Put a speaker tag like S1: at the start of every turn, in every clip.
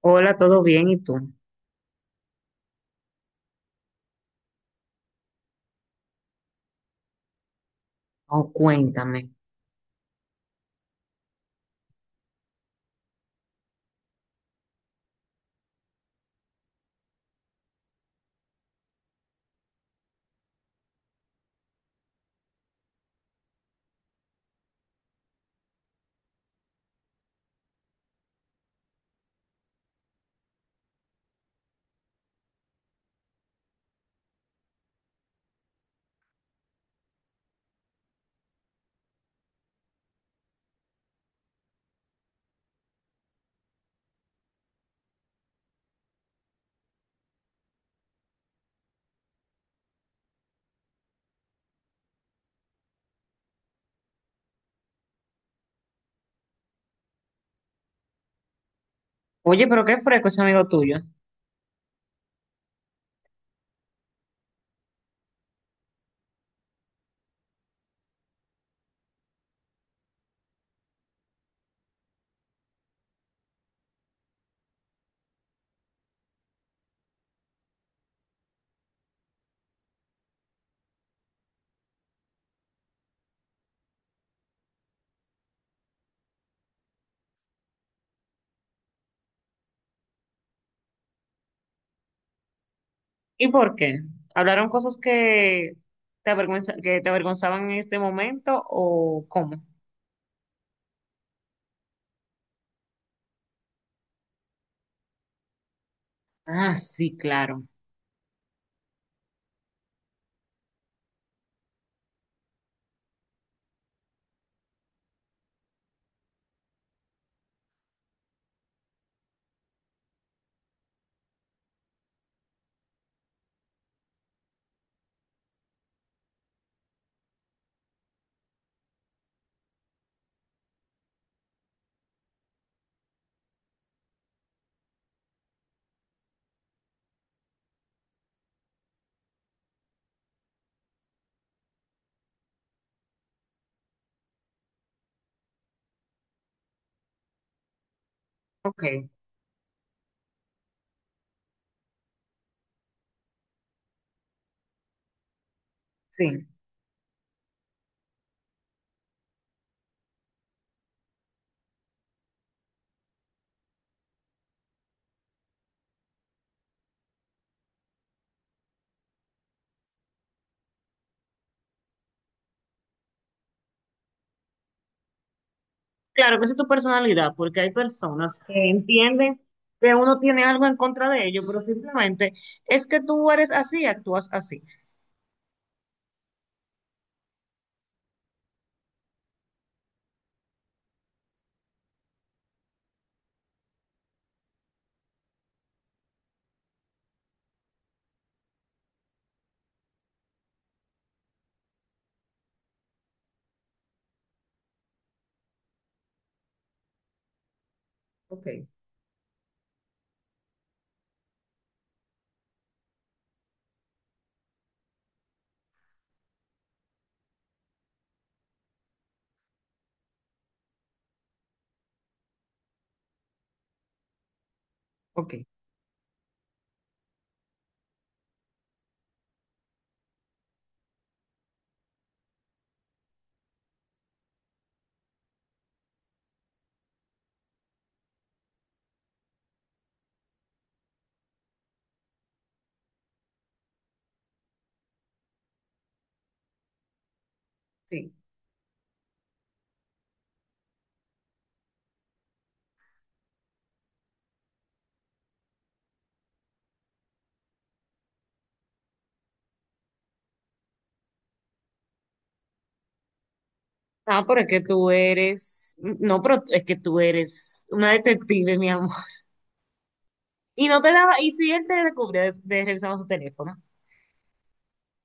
S1: Hola, ¿todo bien? ¿Y tú? Oh, cuéntame. Oye, pero qué fresco ese amigo tuyo. ¿Y por qué? ¿Hablaron cosas que te avergüenza, que te avergonzaban en este momento o cómo? Ah, sí, claro. Ok, sí. Claro que esa es tu personalidad, porque hay personas que entienden que uno tiene algo en contra de ellos, pero simplemente es que tú eres así, actúas así. Ok, ok, sí. Ah, pero es que tú eres, no, pero es que tú eres una detective, mi amor. Y no te daba, y si él te descubría de revisando su teléfono.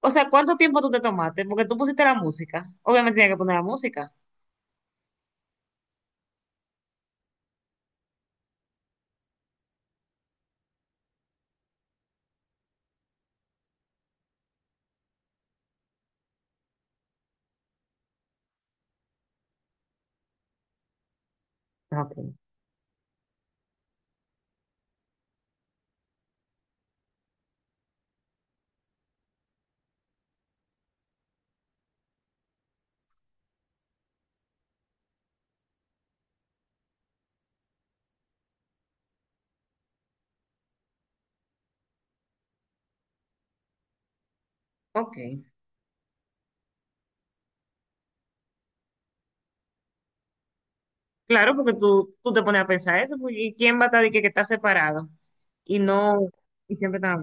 S1: O sea, ¿cuánto tiempo tú te tomaste? Porque tú pusiste la música. Obviamente tenía que poner la música. Ah, ok. Ok. Claro, porque tú te pones a pensar eso. Pues, ¿y quién va a estar de que está separado? Y no, y siempre está.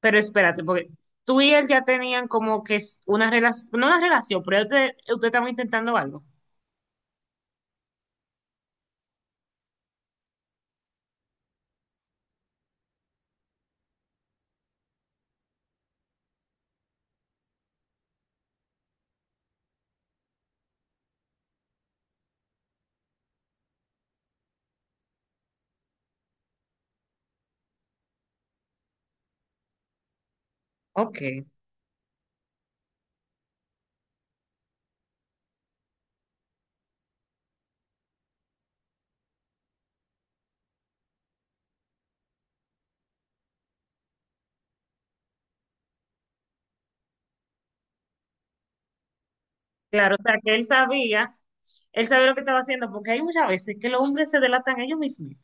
S1: Pero espérate, porque tú y él ya tenían como que es una relación, no una relación, pero ustedes usted estaba intentando algo. Ok. Claro, o sea, que él sabía lo que estaba haciendo, porque hay muchas veces que los hombres se delatan ellos mismos.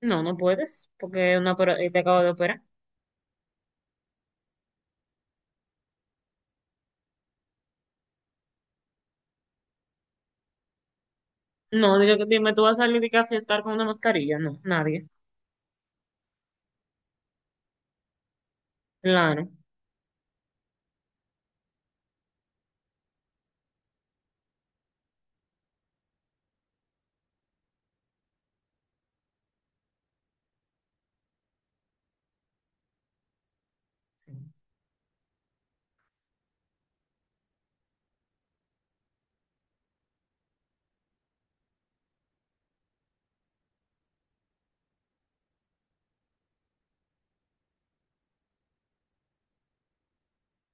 S1: No, no puedes, porque una opera- te acabo de operar. No, digo, que- dime, tú vas a salir de que a fiestar con una mascarilla. No, nadie. Claro, sí,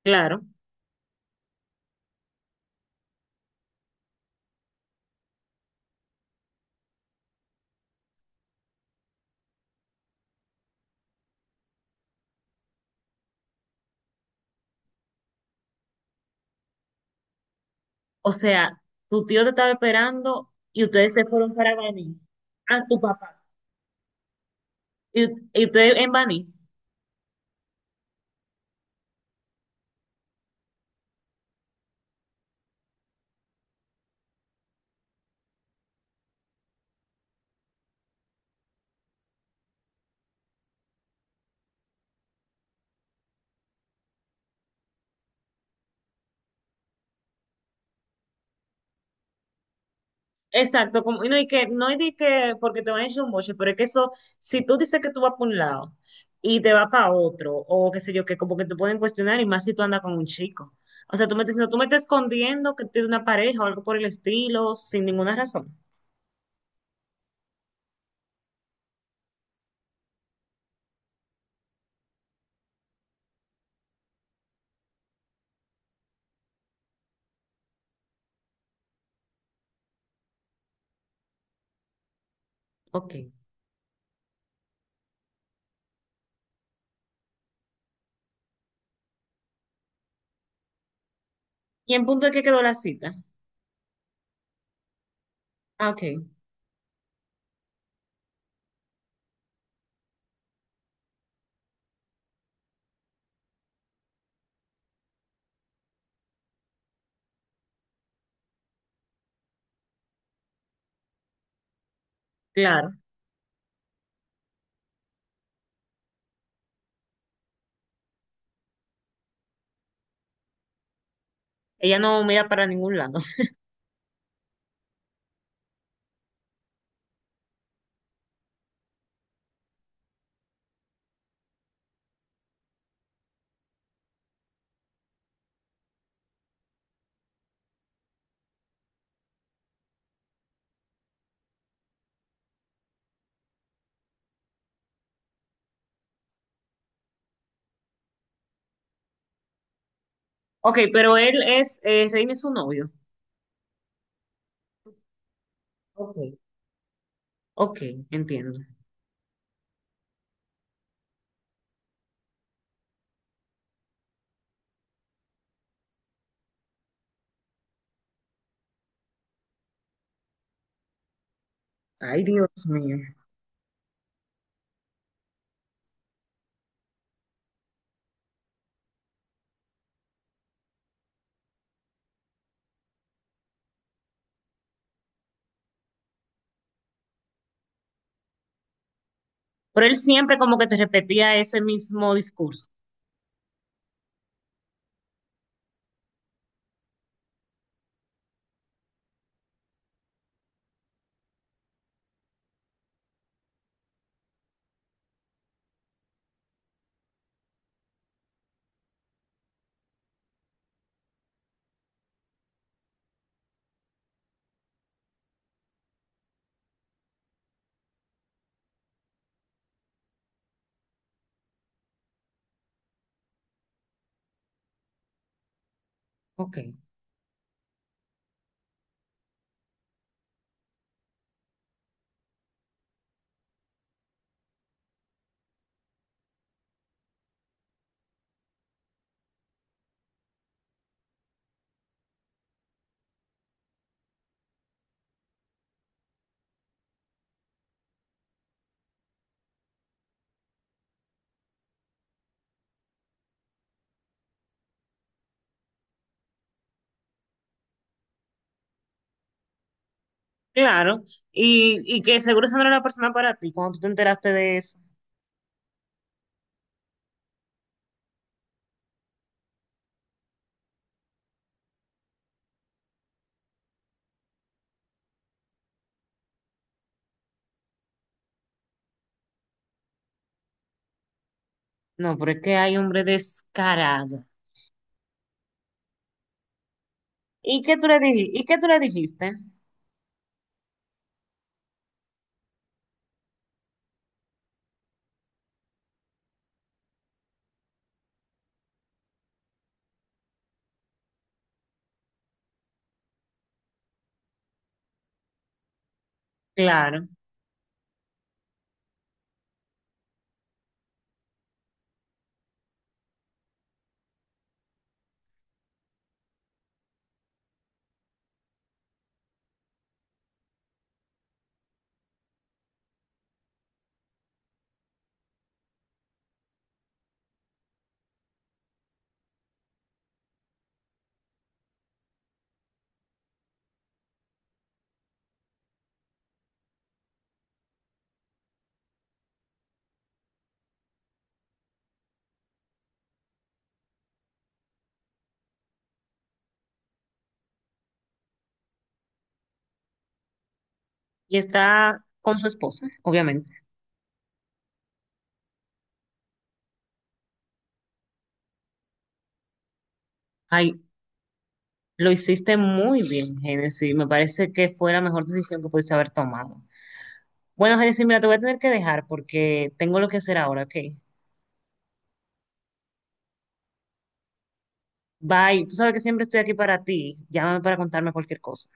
S1: claro. O sea, tu tío te estaba esperando y ustedes se fueron para Baní. A tu papá. Y, y ustedes en Baní. Exacto, como, y no, y que, no es de que porque te van a echar un boche, pero es que eso, si tú dices que tú vas para un lado y te vas para otro, o qué sé yo, que como que te pueden cuestionar, y más si tú andas con un chico. O sea, tú me estás diciendo, tú me estás escondiendo que tienes una pareja o algo por el estilo, sin ninguna razón. Ok. ¿Y en punto de qué quedó la cita? Ah, ok, claro. Ella no mira para ningún lado. Ok, pero él es, Reina es su novio. Ok, ok, entiendo. Ay, Dios mío. Pero él siempre como que te repetía ese mismo discurso. Ok, claro. Y que seguro esa no era la persona para ti cuando tú te enteraste de eso. No, pero es que hay hombre descarado. ¿Y qué tú le dijiste? ¿Y qué tú le dijiste? Claro. Y está con su esposa, obviamente. Ay, lo hiciste muy bien, Genesis. Me parece que fue la mejor decisión que pudiste haber tomado. Bueno, Genesis, mira, te voy a tener que dejar porque tengo lo que hacer ahora, ¿ok? Bye. Tú sabes que siempre estoy aquí para ti. Llámame para contarme cualquier cosa.